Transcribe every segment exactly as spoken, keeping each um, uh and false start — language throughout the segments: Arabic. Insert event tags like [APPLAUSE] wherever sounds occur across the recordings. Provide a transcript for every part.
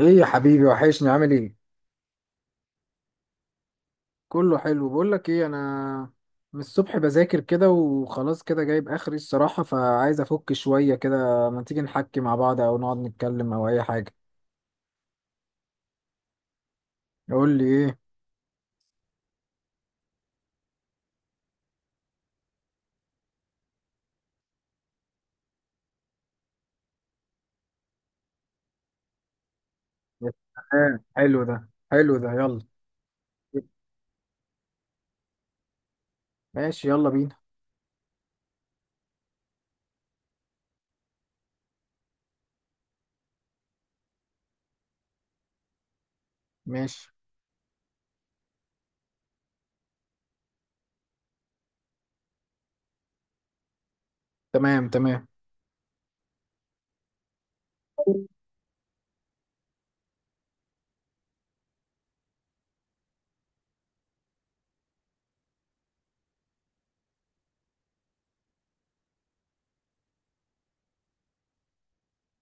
ايه يا حبيبي وحشني، عامل ايه؟ كله حلو. بقول لك ايه، انا من الصبح بذاكر كده وخلاص كده جايب اخري الصراحة، فعايز افك شوية كده. ما تيجي نحكي مع بعض او نقعد نتكلم او اي حاجة؟ قول لي ايه. يا سلام، حلو ده، حلو ده، يلا. [LAUGHS] ماشي، يلا بينا. ماشي. تمام تمام.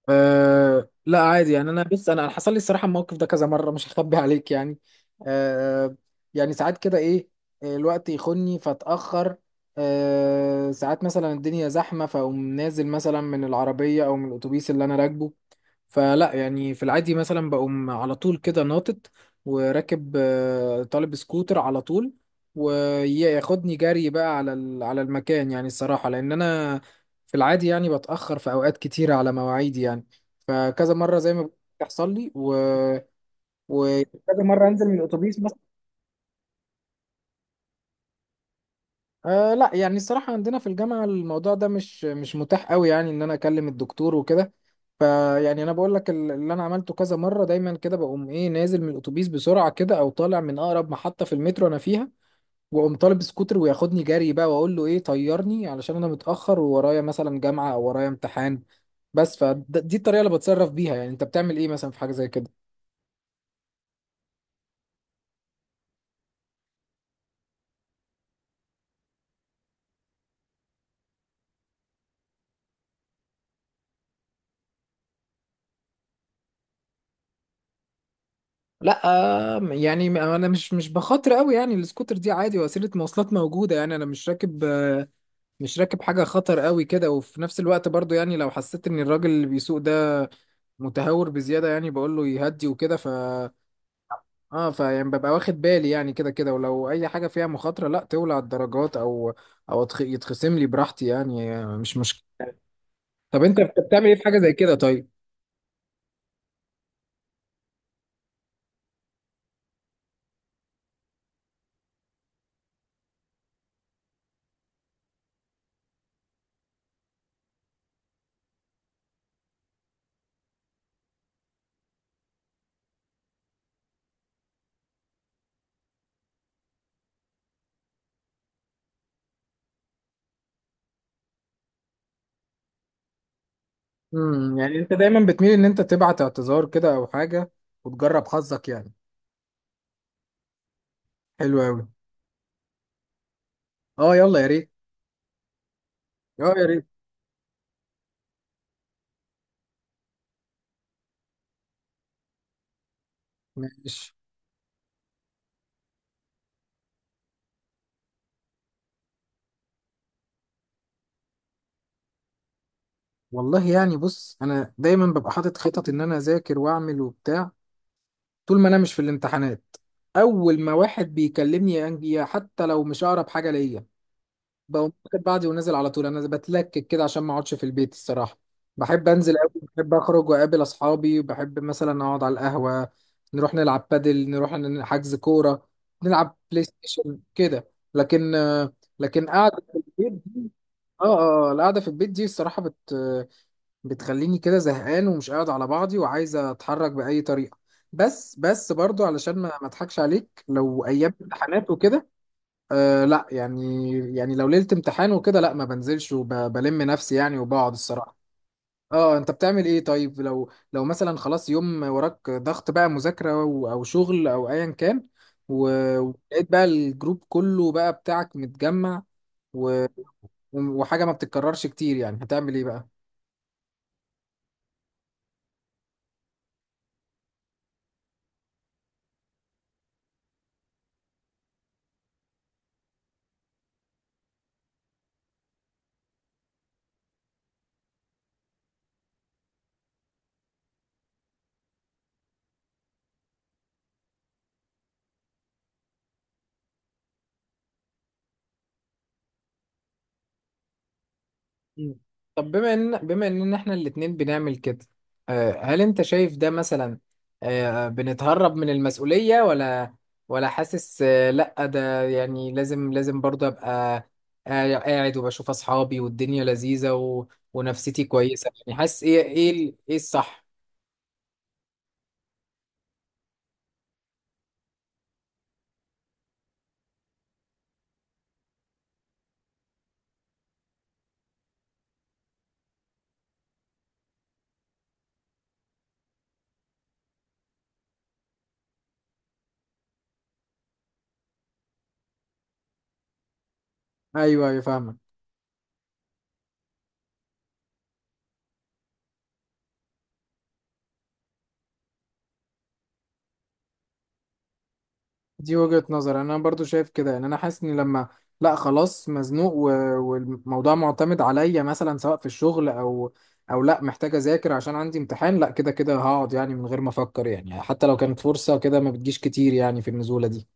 أه لا عادي، يعني انا بص، انا أنا حصل لي الصراحه الموقف ده كذا مره، مش هخبي عليك يعني. أه يعني ساعات كده ايه، آه، الوقت يخني فاتاخر. أه ساعات مثلا الدنيا زحمه، فاقوم نازل مثلا من العربيه او من الاتوبيس اللي انا راكبه، فلا يعني في العادي مثلا بقوم على طول كده ناطط وراكب، آه، طالب سكوتر على طول، وياخدني جري بقى على ال- على المكان، يعني الصراحة لأن أنا في العادي يعني بتأخر في أوقات كتيرة على مواعيدي يعني. فكذا مرة زي ما بتحصل لي و... وكذا مرة أنزل من الأتوبيس مثلا. آه لا، يعني الصراحة عندنا في الجامعة الموضوع ده مش مش متاح قوي، يعني إن أنا أكلم الدكتور وكده. فيعني أنا بقول لك ال- اللي أنا عملته كذا مرة، دايما كده بقوم إيه نازل من الأتوبيس بسرعة كده، أو طالع من أقرب محطة في المترو أنا فيها، واقوم طالب سكوتر وياخدني جري بقى، واقول له ايه، طيرني علشان انا متاخر وورايا مثلا جامعه او ورايا امتحان. بس فدي الطريقه اللي بتصرف بيها. يعني انت بتعمل ايه مثلا في حاجه زي كده؟ لا آه، يعني انا مش مش بخاطر قوي، يعني السكوتر دي عادي وسيله مواصلات موجوده، يعني انا مش راكب، آه، مش راكب حاجه خطر قوي كده. وفي نفس الوقت برضو يعني لو حسيت ان الراجل اللي بيسوق ده متهور بزياده، يعني بقول له يهدي وكده، ف اه فيعني ببقى واخد بالي، يعني كده كده ولو اي حاجه فيها مخاطره لا، تولع الدرجات او او أتخ- يتخصم لي براحتي يعني، مش مشكله. طب انت بت- بتعمل ايه في حاجه زي كده طيب؟ امم يعني انت دايما بتميل ان انت تبعت اعتذار كده او حاجه، وتجرب حظك يعني. حلو قوي. اه يلا يا ريت. اه يا ريت. ماشي. والله يعني بص، انا دايما ببقى حاطط خطط ان انا اذاكر واعمل وبتاع، طول ما انا مش في الامتحانات. اول ما واحد بيكلمني يا أنجي، حتى لو مش اقرب حاجه ليا، بقوم واخد بعضي ونازل على طول. انا بتلكك كده عشان ما اقعدش في البيت الصراحه. بحب انزل قوي، بحب اخرج واقابل اصحابي، بحب مثلا اقعد على القهوه، نروح نلعب بادل، نروح ن- حجز كوره، نلعب بلاي ستيشن كده. لكن لكن قاعده في البيت دي، اه اه آه، القعده في البيت دي الصراحه بت بتخليني كده زهقان ومش قاعد على بعضي وعايز اتحرك باي طريقه. بس بس برضو علشان ما ما اضحكش عليك، لو ايام امتحانات وكده أه لا يعني، يعني لو ليلة امتحان وكده لا ما بنزلش وبلم نفسي يعني، وبقعد الصراحة. اه، انت بتعمل ايه طيب لو لو مثلا خلاص يوم وراك ضغط بقى مذاكرة و- او شغل او ايا كان، و- ولقيت بقى الجروب كله بقى بتاعك متجمع، و... وحاجة ما بتتكررش كتير، يعني هتعمل ايه بقى؟ مم. طب بما ان، بما ان احنا الاتنين بنعمل كده، آه، هل انت شايف ده مثلا، آه، بنتهرب من المسؤولية، ولا ولا حاسس، آه، لا ده يعني لازم لازم برضه ابقى قاع- قاعد وبشوف اصحابي والدنيا لذيذة و... ونفسيتي كويسة؟ يعني حاسس ايه، ايه ال- ايه الصح؟ ايوه ايوه فاهمك. دي وجهة نظر، انا برضو شايف كده. يعني انا حاسس ان لما، لا خلاص مزنوق و... والموضوع معتمد عليا مثلا سواء في الشغل او او لا محتاج اذاكر عشان عندي امتحان، لا كده كده هقعد يعني من غير ما افكر، يعني حتى لو كانت فرصة كده ما بتجيش كتير يعني في النزولة دي.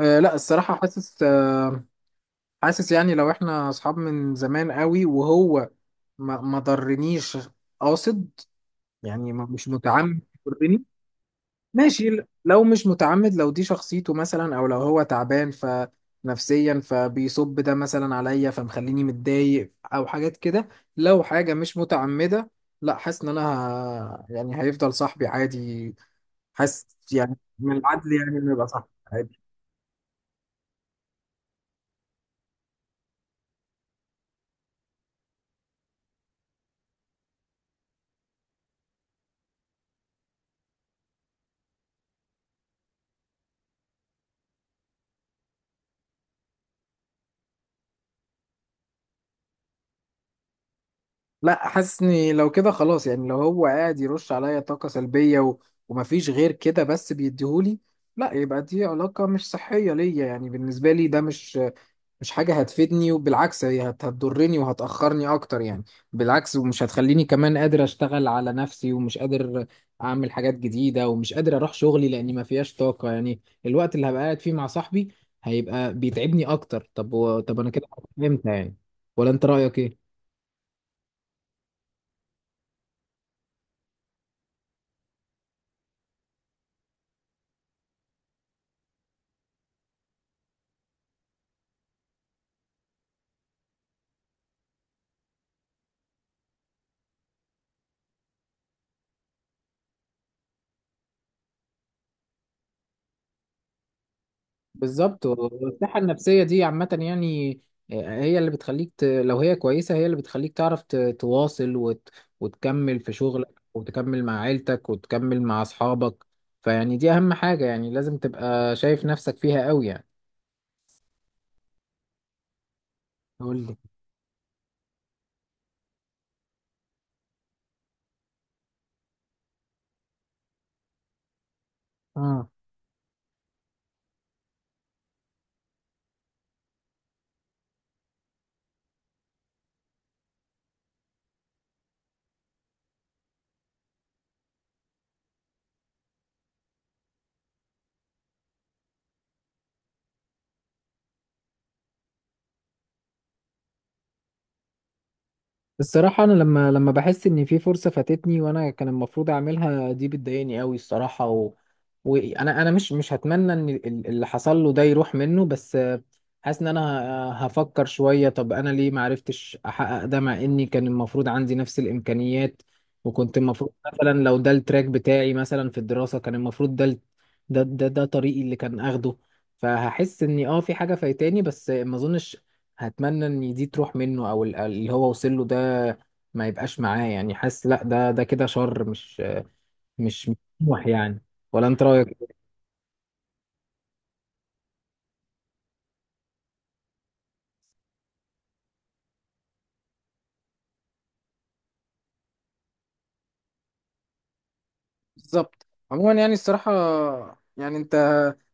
أه لا الصراحة، حاسس أه، حاسس يعني لو احنا اصحاب من زمان قوي وهو ما ما ضرنيش قاصد، يعني ما- مش متعمد يضرني، ماشي ل- لو مش متعمد، لو دي شخصيته مثلا او لو هو تعبان ف نفسيا فبيصب ده مثلا عليا فمخليني متضايق او حاجات كده، لو حاجة مش متعمدة لا حاسس ان انا ه... يعني هيفضل صاحبي عادي. حاسس يعني من العدل يعني انه يبقى صاحبي عادي. لا حاسس اني لو كده خلاص، يعني لو هو قاعد يرش عليا طاقة سلبية و... ومفيش غير كده بس بيديهولي، لا يبقى دي علاقة مش صحية ليا، يعني بالنسبة لي ده مش مش حاجة هتفيدني، وبالعكس هي هت- هتضرني وهتأخرني أكتر يعني. بالعكس، ومش هتخليني كمان قادر أشتغل على نفسي، ومش قادر أعمل حاجات جديدة، ومش قادر أروح شغلي لأني ما فيهاش طاقة يعني. الوقت اللي هبقى قاعد فيه مع صاحبي هيبقى بيتعبني أكتر. طب و... طب أنا كده فهمت يعني، ولا أنت رأيك إيه؟ بالظبط، والصحة النفسية دي عامة يعني، آه، هي اللي بتخليك ت... لو هي كويسة هي اللي بتخليك تعرف ت... تواصل وت... وتكمل في شغلك، وتكمل مع عيلتك، وتكمل مع أصحابك. فيعني دي أهم حاجة، يعني لازم تبقى شايف نفسك فيها قوي يعني. قول لي. اه، الصراحة أنا لما، لما بحس إن في فرصة فاتتني وأنا كان المفروض أعملها، دي بتضايقني قوي الصراحة. وانا انا مش مش هتمنى ان ال- اللي حصل له ده يروح منه، بس آه، حاسس ان انا ه- هفكر شوية، طب انا ليه ما عرفتش احقق ده، مع اني كان المفروض عندي نفس الامكانيات، وكنت المفروض مثلا لو ده التراك بتاعي مثلا في الدراسة، كان المفروض ده ال- ده ده, ده طريقي اللي كان اخده. فهحس اني اه في حاجة فايتاني، بس آه، ما اظنش هتمنى ان دي تروح منه، او ال- اللي هو وصل له ده ما يبقاش معاه. يعني حاسس لا ده ده كده شر، مش مش مش طموح يعني. ولا انت رايك؟ بالظبط. عموما يعني الصراحة، يعني انت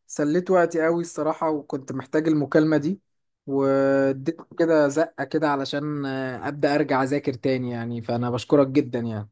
سليت وقتي قوي الصراحة، وكنت محتاج المكالمة دي، واديت كده زقة كده علشان آه، ابدأ ارجع اذاكر تاني يعني، فانا بشكرك جدا يعني.